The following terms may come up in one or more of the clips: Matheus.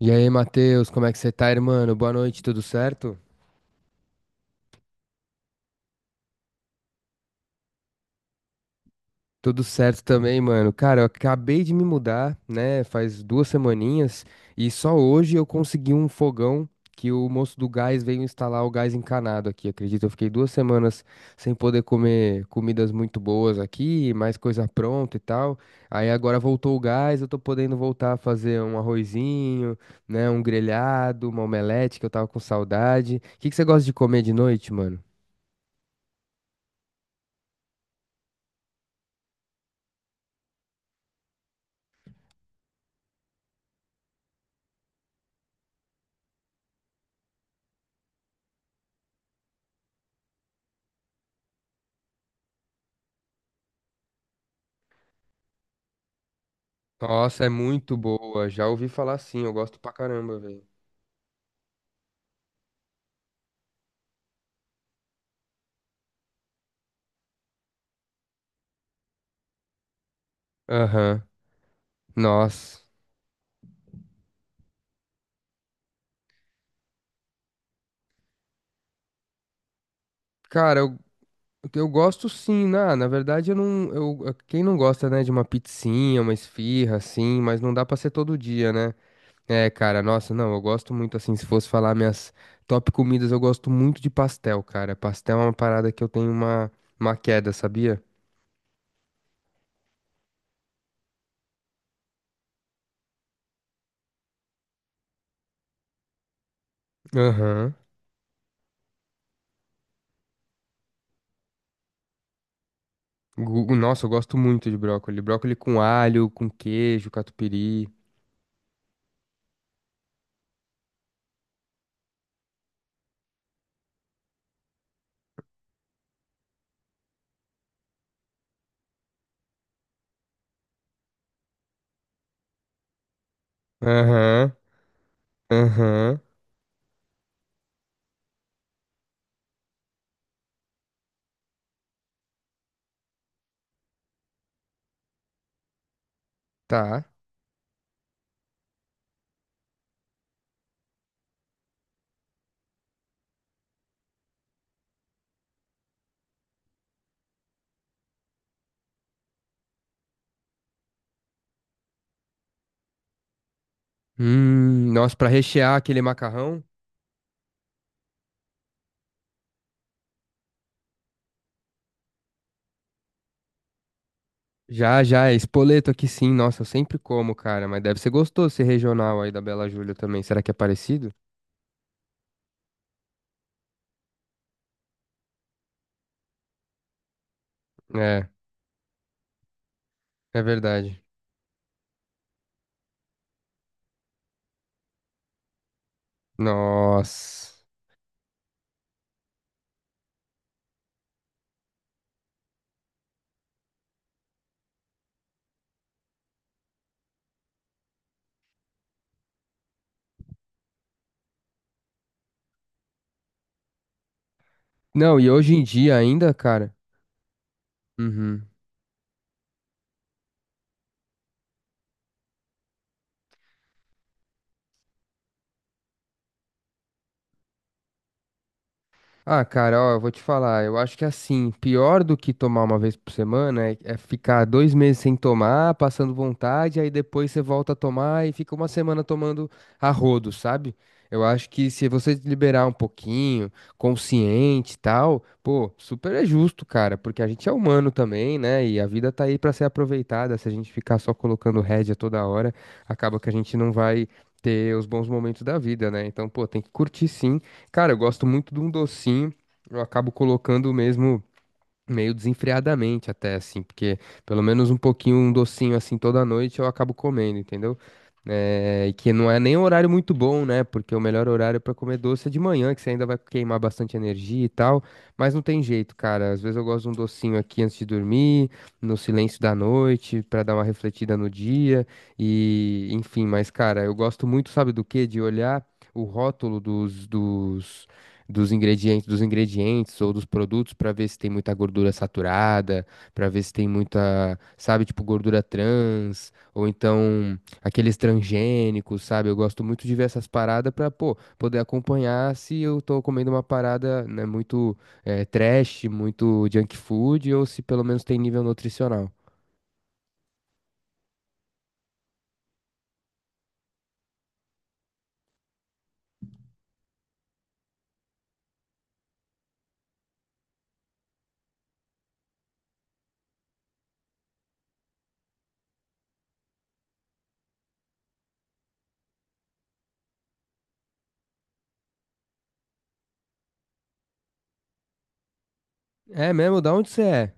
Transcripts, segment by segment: E aí, Matheus, como é que você tá, irmão? Boa noite, tudo certo? Tudo certo também, mano. Cara, eu acabei de me mudar, né? Faz duas semaninhas e só hoje eu consegui um fogão que o moço do gás veio instalar o gás encanado aqui. Acredito, eu fiquei 2 semanas sem poder comer comidas muito boas aqui, mais coisa pronta e tal. Aí agora voltou o gás, eu tô podendo voltar a fazer um arrozinho, né? Um grelhado, uma omelete que eu tava com saudade. O que que você gosta de comer de noite, mano? Nossa, é muito boa. Já ouvi falar sim, eu gosto pra caramba, velho. Aham. Nossa. Cara, eu gosto sim, na verdade eu não, eu, quem não gosta, né, de uma pizzinha, uma esfirra assim, mas não dá pra ser todo dia, né? É, cara, nossa, não, eu gosto muito assim, se fosse falar minhas top comidas, eu gosto muito de pastel, cara. Pastel é uma parada que eu tenho uma queda, sabia? Aham. Gu- Nossa, eu gosto muito de brócoli. Brócoli com alho, com queijo, catupiry. Aham. Aham, tá. Nossa, pra rechear aquele macarrão? Já, já, é espoleto aqui sim. Nossa, eu sempre como, cara, mas deve ser gostoso esse regional aí da Bela Júlia também. Será que é parecido? É, é, verdade. Nossa. Não, e hoje em dia ainda, cara. Uhum. Ah, cara, ó, eu vou te falar. Eu acho que assim, pior do que tomar uma vez por semana é ficar 2 meses sem tomar, passando vontade, aí depois você volta a tomar e fica uma semana tomando a rodo, sabe? Eu acho que se você liberar um pouquinho, consciente e tal, pô, super é justo, cara, porque a gente é humano também, né? E a vida tá aí pra ser aproveitada. Se a gente ficar só colocando rédea toda hora, acaba que a gente não vai ter os bons momentos da vida, né? Então, pô, tem que curtir sim. Cara, eu gosto muito de um docinho. Eu acabo colocando mesmo meio desenfreadamente até assim, porque pelo menos um pouquinho, um docinho assim toda noite eu acabo comendo, entendeu? É, e que não é nem um horário muito bom, né? Porque o melhor horário para comer doce é de manhã, que você ainda vai queimar bastante energia e tal. Mas não tem jeito, cara. Às vezes eu gosto de um docinho aqui antes de dormir, no silêncio da noite, para dar uma refletida no dia. E enfim, mas cara, eu gosto muito, sabe do quê? De olhar o rótulo dos ingredientes, dos ingredientes ou dos produtos para ver se tem muita gordura saturada, para ver se tem muita, sabe, tipo gordura trans, ou então aqueles transgênicos, sabe? Eu gosto muito de ver essas paradas para, pô, poder acompanhar se eu tô comendo uma parada, né, muito trash, muito junk food, ou se pelo menos tem nível nutricional. É mesmo? Da onde você é?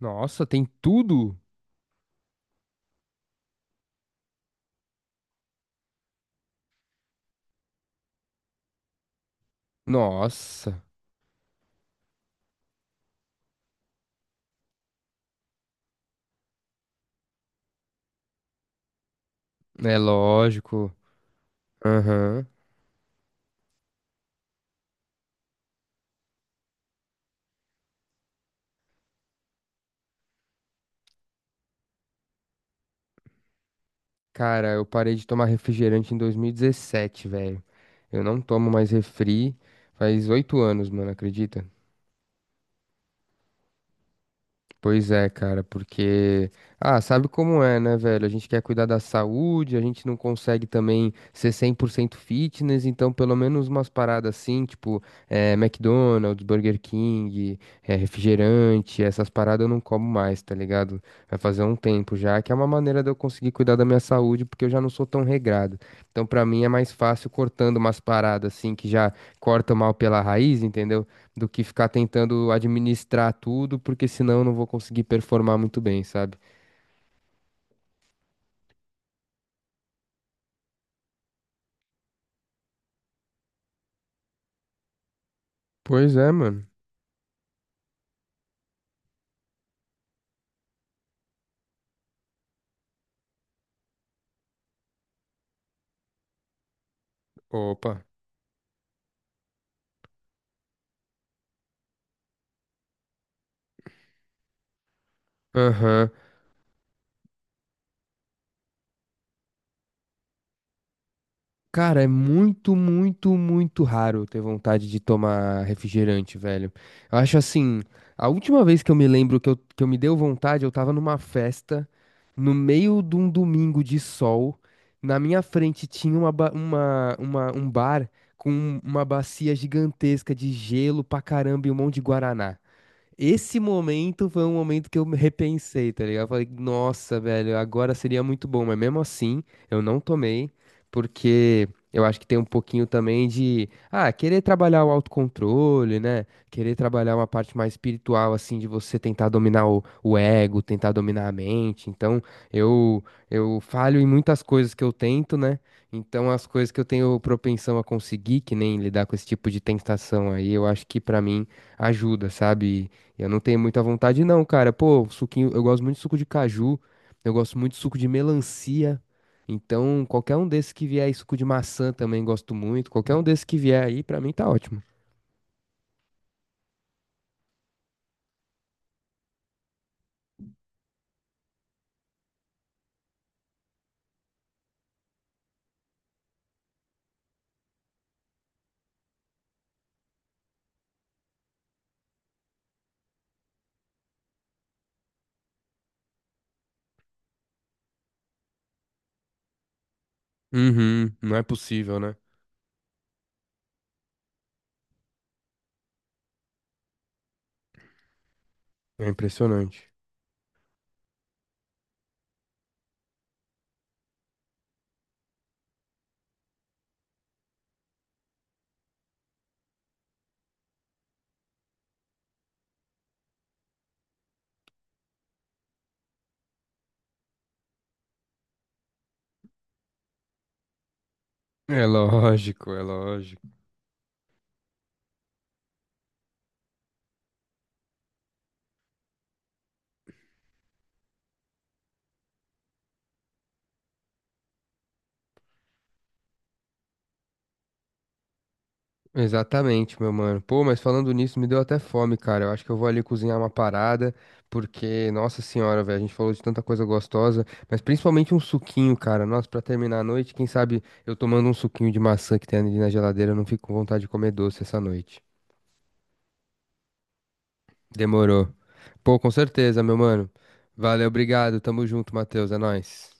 Nossa, tem tudo? Nossa, é lógico. Aham. Cara, eu parei de tomar refrigerante em 2017, velho. Eu não tomo mais refri faz 8 anos, mano, acredita? Pois é, cara, porque. Ah, sabe como é, né, velho? A gente quer cuidar da saúde, a gente não consegue também ser 100% fitness, então pelo menos umas paradas assim, tipo McDonald's, Burger King, refrigerante, essas paradas eu não como mais, tá ligado? Vai fazer um tempo já, que é uma maneira de eu conseguir cuidar da minha saúde, porque eu já não sou tão regrado. Então pra mim é mais fácil cortando umas paradas assim, que já corta o mal pela raiz, entendeu? Do que ficar tentando administrar tudo, porque senão eu não vou conseguir performar muito bem, sabe? Pois é, mano. Opa. Aham. Cara, é muito, muito, muito raro ter vontade de tomar refrigerante, velho. Eu acho assim, a última vez que eu me lembro que eu me deu vontade, eu tava numa festa, no meio de um domingo de sol, na minha frente tinha uma, ba- uma- um bar com uma bacia gigantesca de gelo pra caramba e um monte de guaraná. Esse momento foi um momento que eu me repensei, tá ligado? Eu falei, nossa, velho, agora seria muito bom, mas mesmo assim, eu não tomei, porque eu acho que tem um pouquinho também de querer trabalhar o autocontrole, né? Querer trabalhar uma parte mais espiritual, assim, de você tentar dominar o ego, tentar dominar a mente. Então, eu, eu falho em muitas coisas que eu tento, né? Então, as coisas que eu tenho propensão a conseguir, que nem lidar com esse tipo de tentação aí, eu acho que pra mim ajuda, sabe? Eu não tenho muita vontade, não, cara. Pô, suquinho, eu gosto muito de suco de caju, eu gosto muito de suco de melancia. Então, qualquer um desses que vier aí, suco de maçã também gosto muito. Qualquer um desses que vier aí, pra mim tá ótimo. Uhum, não é possível, né? É impressionante. É lógico, é lógico. Exatamente, meu mano. Pô, mas falando nisso, me deu até fome, cara. Eu acho que eu vou ali cozinhar uma parada, porque, nossa senhora, velho, a gente falou de tanta coisa gostosa, mas principalmente um suquinho, cara. Nossa, pra terminar a noite, quem sabe eu tomando um suquinho de maçã que tem ali na geladeira, eu não fico com vontade de comer doce essa noite. Demorou. Pô, com certeza, meu mano. Valeu, obrigado. Tamo junto, Matheus. É nóis.